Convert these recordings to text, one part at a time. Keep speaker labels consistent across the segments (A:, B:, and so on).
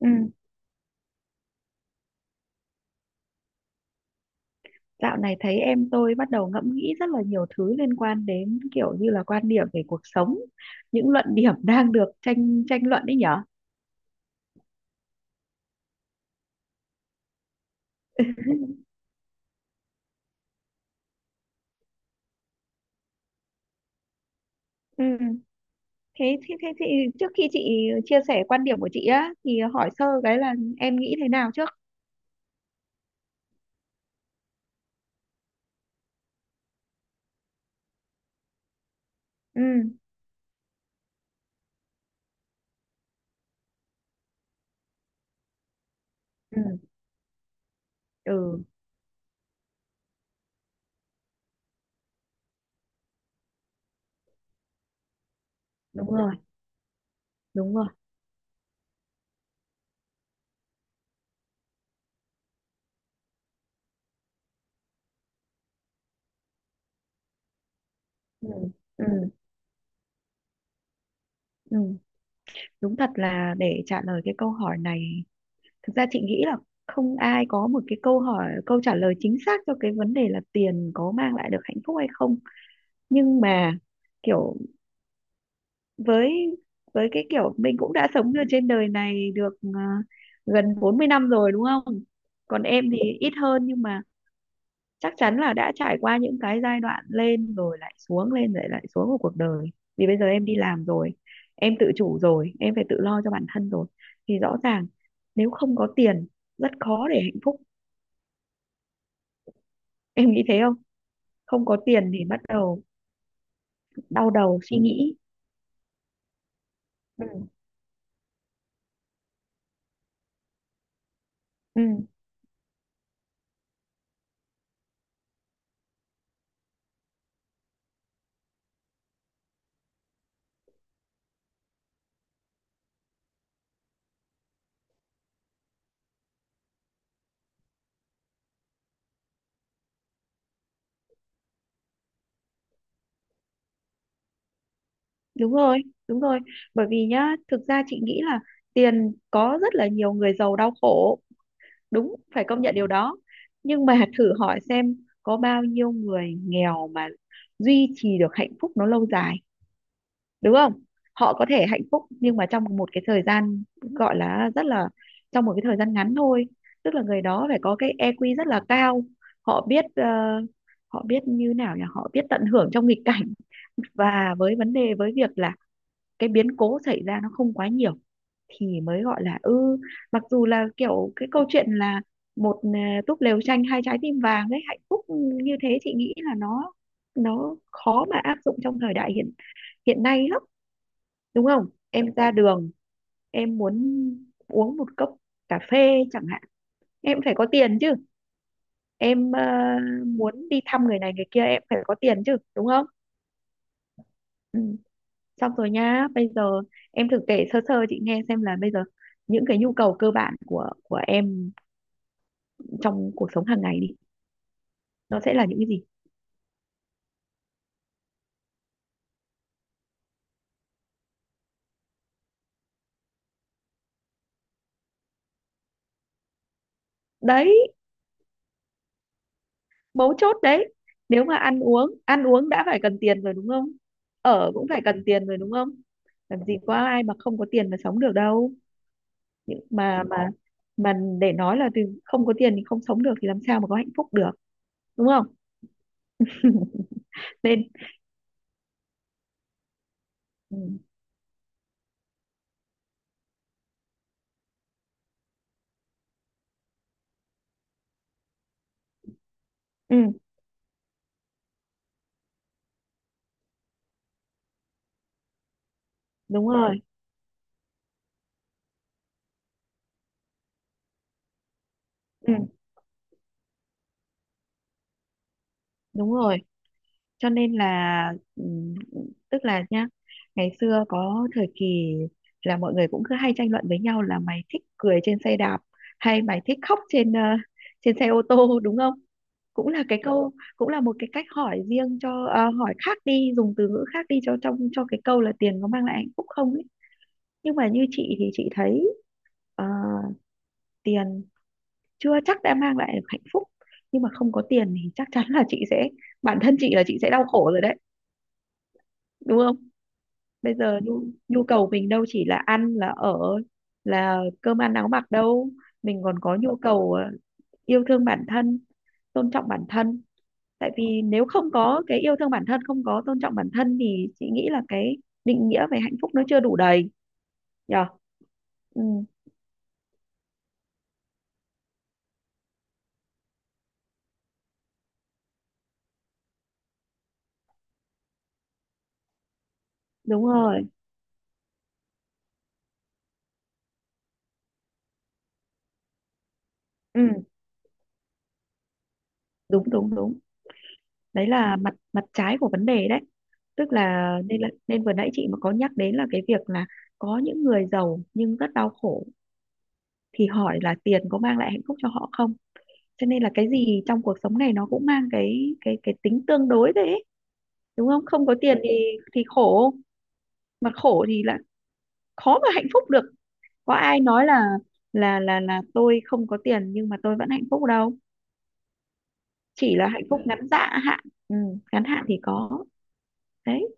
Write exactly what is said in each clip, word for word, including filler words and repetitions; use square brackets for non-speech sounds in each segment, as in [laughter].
A: Ừ, dạo này thấy em tôi bắt đầu ngẫm nghĩ rất là nhiều thứ liên quan đến kiểu như là quan điểm về cuộc sống, những luận điểm [laughs] đang được tranh tranh luận đấy nhở. Ừ. Thế, thế, thế, thế trước khi chị chia sẻ quan điểm của chị á thì hỏi sơ cái là em nghĩ thế nào trước? Ừ. Ừ. Ừ, đúng rồi, đúng rồi. Ừ. Ừ. Ừ. Đúng thật là để trả lời cái câu hỏi này, thực ra chị nghĩ là không ai có một cái câu hỏi câu trả lời chính xác cho cái vấn đề là tiền có mang lại được hạnh phúc hay không, nhưng mà kiểu, với với cái kiểu mình cũng đã sống ở trên đời này được ờ, gần bốn mươi năm rồi, đúng không? Còn em thì ít hơn nhưng mà chắc chắn là đã trải qua những cái giai đoạn lên rồi lại xuống, lên rồi lại xuống của cuộc đời. Vì bây giờ em đi làm rồi, em tự chủ rồi, em phải tự lo cho bản thân rồi. Thì rõ ràng nếu không có tiền, rất khó để hạnh phúc. Em nghĩ thế không? Không có tiền thì bắt đầu đau đầu suy nghĩ. Ừ. Ừ. Đúng rồi, đúng rồi, bởi vì nhá, thực ra chị nghĩ là tiền có rất là nhiều người giàu đau khổ, đúng, phải công nhận điều đó, nhưng mà [laughs] thử hỏi xem có bao nhiêu người nghèo mà duy trì được hạnh phúc nó lâu dài, đúng không? Họ có thể hạnh phúc nhưng mà trong một cái thời gian gọi là rất là, trong một cái thời gian ngắn thôi, tức là người đó phải có cái i kiu rất là cao. Họ biết ờ, họ biết như nào nhỉ, họ biết tận hưởng trong nghịch cảnh. Và với vấn đề, với việc là cái biến cố xảy ra nó không quá nhiều thì mới gọi là ư, mặc dù là kiểu cái câu chuyện là một à, túp lều tranh hai trái tim vàng đấy hạnh phúc như thế, chị nghĩ là nó nó khó mà áp dụng trong thời đại hiện hiện nay lắm, đúng không? Em ra đường, em muốn uống một cốc cà phê chẳng hạn, em phải có tiền chứ. Em ờ, muốn đi thăm người này người kia em phải có tiền chứ, đúng không? Ừ. Xong rồi nhá, bây giờ em thử kể sơ sơ chị nghe xem là bây giờ những cái nhu cầu cơ bản của của em trong cuộc sống hàng ngày đi, nó sẽ là những cái gì? Đấy, mấu chốt đấy. Nếu mà ăn uống, ăn uống đã phải cần tiền rồi, đúng không? Ở cũng phải cần tiền rồi, đúng không? Làm gì có ai mà không có tiền mà sống được đâu. Nhưng mà mà mà để nói là từ không có tiền thì không sống được thì làm sao mà có hạnh phúc được, đúng không? Nên, ừ, ừ, đúng rồi. Ừ, đúng rồi. Cho nên là ừm, tức là nhá, ngày xưa có thời kỳ là mọi người cũng cứ hay tranh luận với nhau là mày thích cười trên xe đạp hay mày thích khóc trên ờ, trên xe ô tô [laughs] đúng không? Cũng là cái câu, cũng là một cái cách hỏi riêng cho ờ, hỏi khác đi, dùng từ ngữ khác đi cho trong cho cái câu là tiền có mang lại hạnh phúc không ấy. Nhưng mà như chị thì chị thấy ờ, tiền chưa chắc đã mang lại được hạnh phúc, nhưng mà không có tiền thì chắc chắn là chị sẽ, bản thân chị là chị sẽ đau khổ rồi đấy, đúng không? Bây giờ nhu, nhu cầu mình đâu chỉ là ăn, là ở, là cơm ăn áo mặc đâu. Mình còn có nhu cầu ờ, yêu thương bản thân, tôn trọng bản thân. Tại vì nếu không có cái yêu thương bản thân, không có tôn trọng bản thân thì chị nghĩ là cái định nghĩa về hạnh phúc nó chưa đủ đầy, nhở. Ừ, đúng rồi. Ừ, đúng đúng đúng. Đấy là mặt mặt trái của vấn đề đấy, tức là nên là, nên vừa nãy chị mà có nhắc đến là cái việc là có những người giàu nhưng rất đau khổ thì hỏi là tiền có mang lại hạnh phúc cho họ không. Cho nên là cái gì trong cuộc sống này nó cũng mang cái cái cái tính tương đối đấy ấy, đúng không? Không có tiền thì thì khổ, mà khổ thì là khó mà hạnh phúc được. Có ai nói là là là là tôi không có tiền nhưng mà tôi vẫn hạnh phúc đâu, chỉ là hạnh phúc ngắn dạ hạn. Ừ, ngắn hạn thì có. Đấy.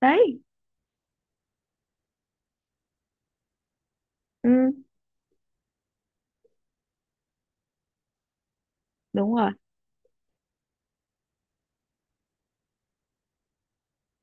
A: Đấy. Ừ, đúng rồi.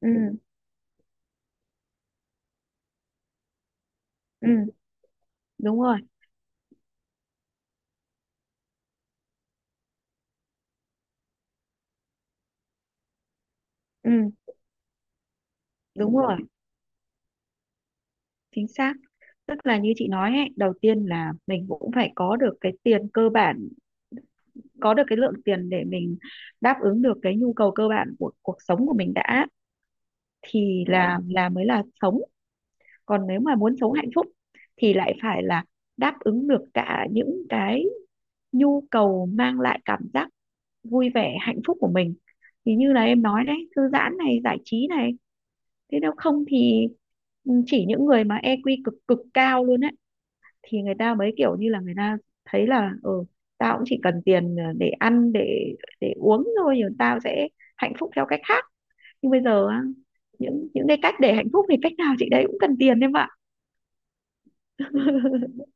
A: Ừ. Ừ, đúng rồi. Ừ, đúng rồi, chính xác. Tức là như chị nói ấy, đầu tiên là mình cũng phải có được cái tiền cơ bản, có được cái lượng tiền để mình đáp ứng được cái nhu cầu cơ bản của cuộc sống của mình đã, thì là là mới là sống. Còn nếu mà muốn sống hạnh phúc thì lại phải là đáp ứng được cả những cái nhu cầu mang lại cảm giác vui vẻ, hạnh phúc của mình, thì như là em nói đấy, thư giãn này, giải trí này. Thế nếu không thì ừ, chỉ những người mà i kiu cực cực cao luôn á thì người ta mới kiểu như là người ta thấy là ừ, tao cũng chỉ cần tiền ờ, để ăn, để để uống thôi, rồi tao sẽ hạnh phúc theo cách khác. Nhưng bây giờ á, những những cái cách để hạnh phúc thì cách nào chị đấy cũng cần tiền, em ạ. [laughs]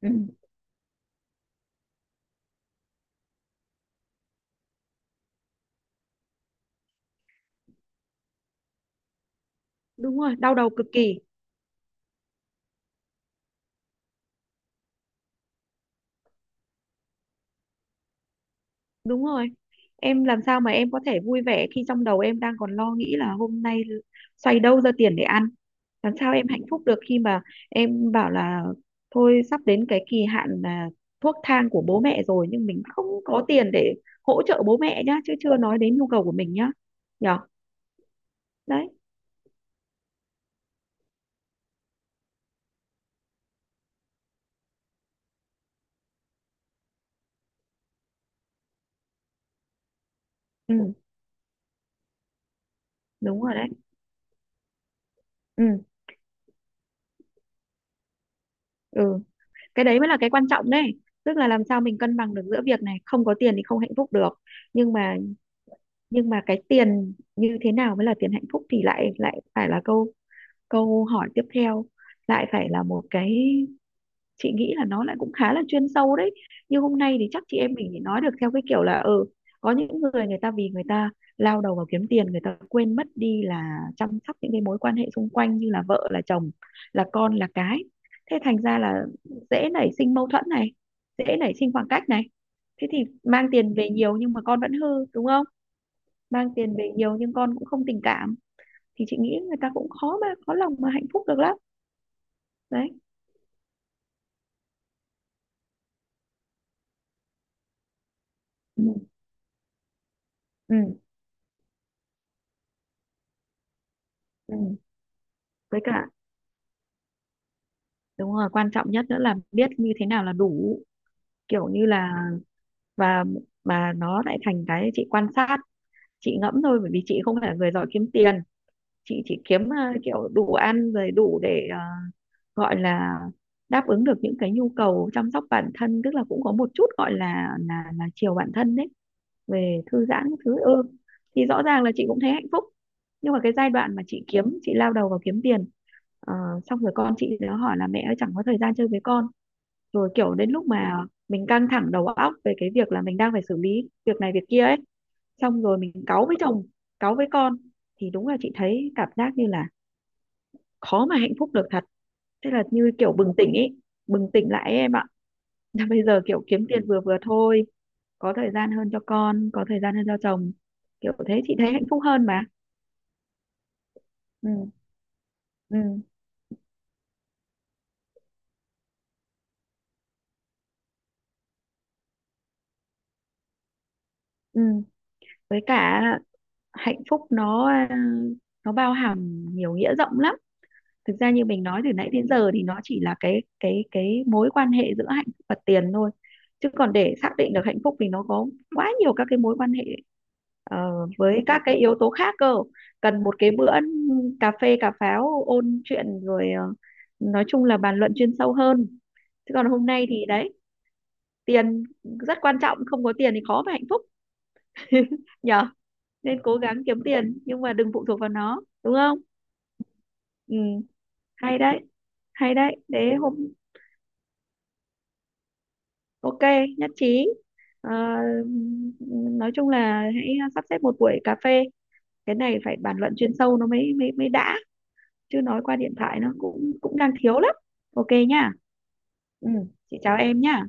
A: Ừ, đúng rồi, đau đầu cực kỳ. Đúng rồi. Em làm sao mà em có thể vui vẻ khi trong đầu em đang còn lo nghĩ là hôm nay xoay đâu ra tiền để ăn. Làm sao em hạnh phúc được khi mà em bảo là thôi sắp đến cái kỳ hạn là thuốc thang của bố mẹ rồi nhưng mình không có tiền để hỗ trợ bố mẹ nhá, chứ chưa nói đến nhu cầu của mình nhá, nhở. Đấy. Ừ, đúng rồi. Đấy. Ừ. Ừ. Cái đấy mới là cái quan trọng đấy, tức là làm sao mình cân bằng được giữa việc này, không có tiền thì không hạnh phúc được, nhưng mà, nhưng mà cái tiền như thế nào mới là tiền hạnh phúc thì lại lại phải là câu câu hỏi tiếp theo, lại phải là một cái, chị nghĩ là nó lại cũng khá là chuyên sâu đấy. Như hôm nay thì chắc chị em mình thì nói được theo cái kiểu là ừ, có những người, người ta vì người ta lao đầu vào kiếm tiền, người ta quên mất đi là chăm sóc những cái mối quan hệ xung quanh, như là vợ là chồng, là con là cái. Thế thành ra là dễ nảy sinh mâu thuẫn này, dễ nảy sinh khoảng cách này. Thế thì mang tiền về nhiều nhưng mà con vẫn hư, đúng không? Mang tiền về nhiều nhưng con cũng không tình cảm, thì chị nghĩ người ta cũng khó mà khó lòng mà hạnh phúc được lắm. Đấy. Ừ. Ừ. Ừ. Với cả, đúng rồi, quan trọng nhất nữa là biết như thế nào là đủ, kiểu như là. Và mà nó lại thành cái chị quan sát, chị ngẫm thôi, bởi vì chị không phải là người giỏi kiếm tiền. Chị chỉ kiếm à, kiểu đủ ăn rồi, đủ để à, gọi là đáp ứng được những cái nhu cầu chăm sóc bản thân, tức là cũng có một chút gọi là là là chiều bản thân đấy, về thư giãn các thứ, ừ. Thì rõ ràng là chị cũng thấy hạnh phúc. Nhưng mà cái giai đoạn mà chị kiếm chị lao đầu vào kiếm tiền, ờ, xong rồi con chị nó hỏi là mẹ ơi chẳng có thời gian chơi với con, rồi kiểu đến lúc mà mình căng thẳng đầu óc về cái việc là mình đang phải xử lý việc này việc kia ấy, xong rồi mình cáu với chồng, cáu với con, thì đúng là chị thấy cảm giác như là khó mà hạnh phúc được thật. Thế là như kiểu bừng tỉnh ấy, bừng tỉnh lại ấy, em ạ. [laughs] Bây giờ kiểu kiếm tiền vừa vừa thôi, có thời gian hơn cho con, có thời gian hơn cho chồng, kiểu thế chị thấy hạnh phúc hơn mà. Ừ. Ừ. Ừ. Với cả hạnh phúc nó à, nó bao hàm nhiều nghĩa rộng lắm. Thực ra như mình nói từ nãy đến giờ thì nó chỉ là cái cái cái mối quan hệ giữa hạnh phúc và tiền thôi, chứ còn để xác định được hạnh phúc thì nó có quá nhiều các cái mối quan hệ ờ, với các cái yếu tố khác cơ. Cần một cái bữa cà phê cà pháo ôn chuyện rồi ờ, nói chung là bàn luận chuyên sâu hơn. Chứ còn hôm nay thì đấy, tiền rất quan trọng, không có tiền thì khó mà hạnh phúc, [laughs] nhở. Nên cố gắng kiếm tiền nhưng mà đừng phụ thuộc vào nó, đúng không? Ừ, hay đấy, hay đấy. Thế hôm OK, nhất trí. Ờ, nói chung là hãy sắp xếp một buổi cà phê, cái này phải bàn luận chuyên sâu nó mới mới mới đã. Chứ nói qua điện thoại nó cũng cũng đang thiếu lắm. OK nhá. Ừ, chị chào em nhá.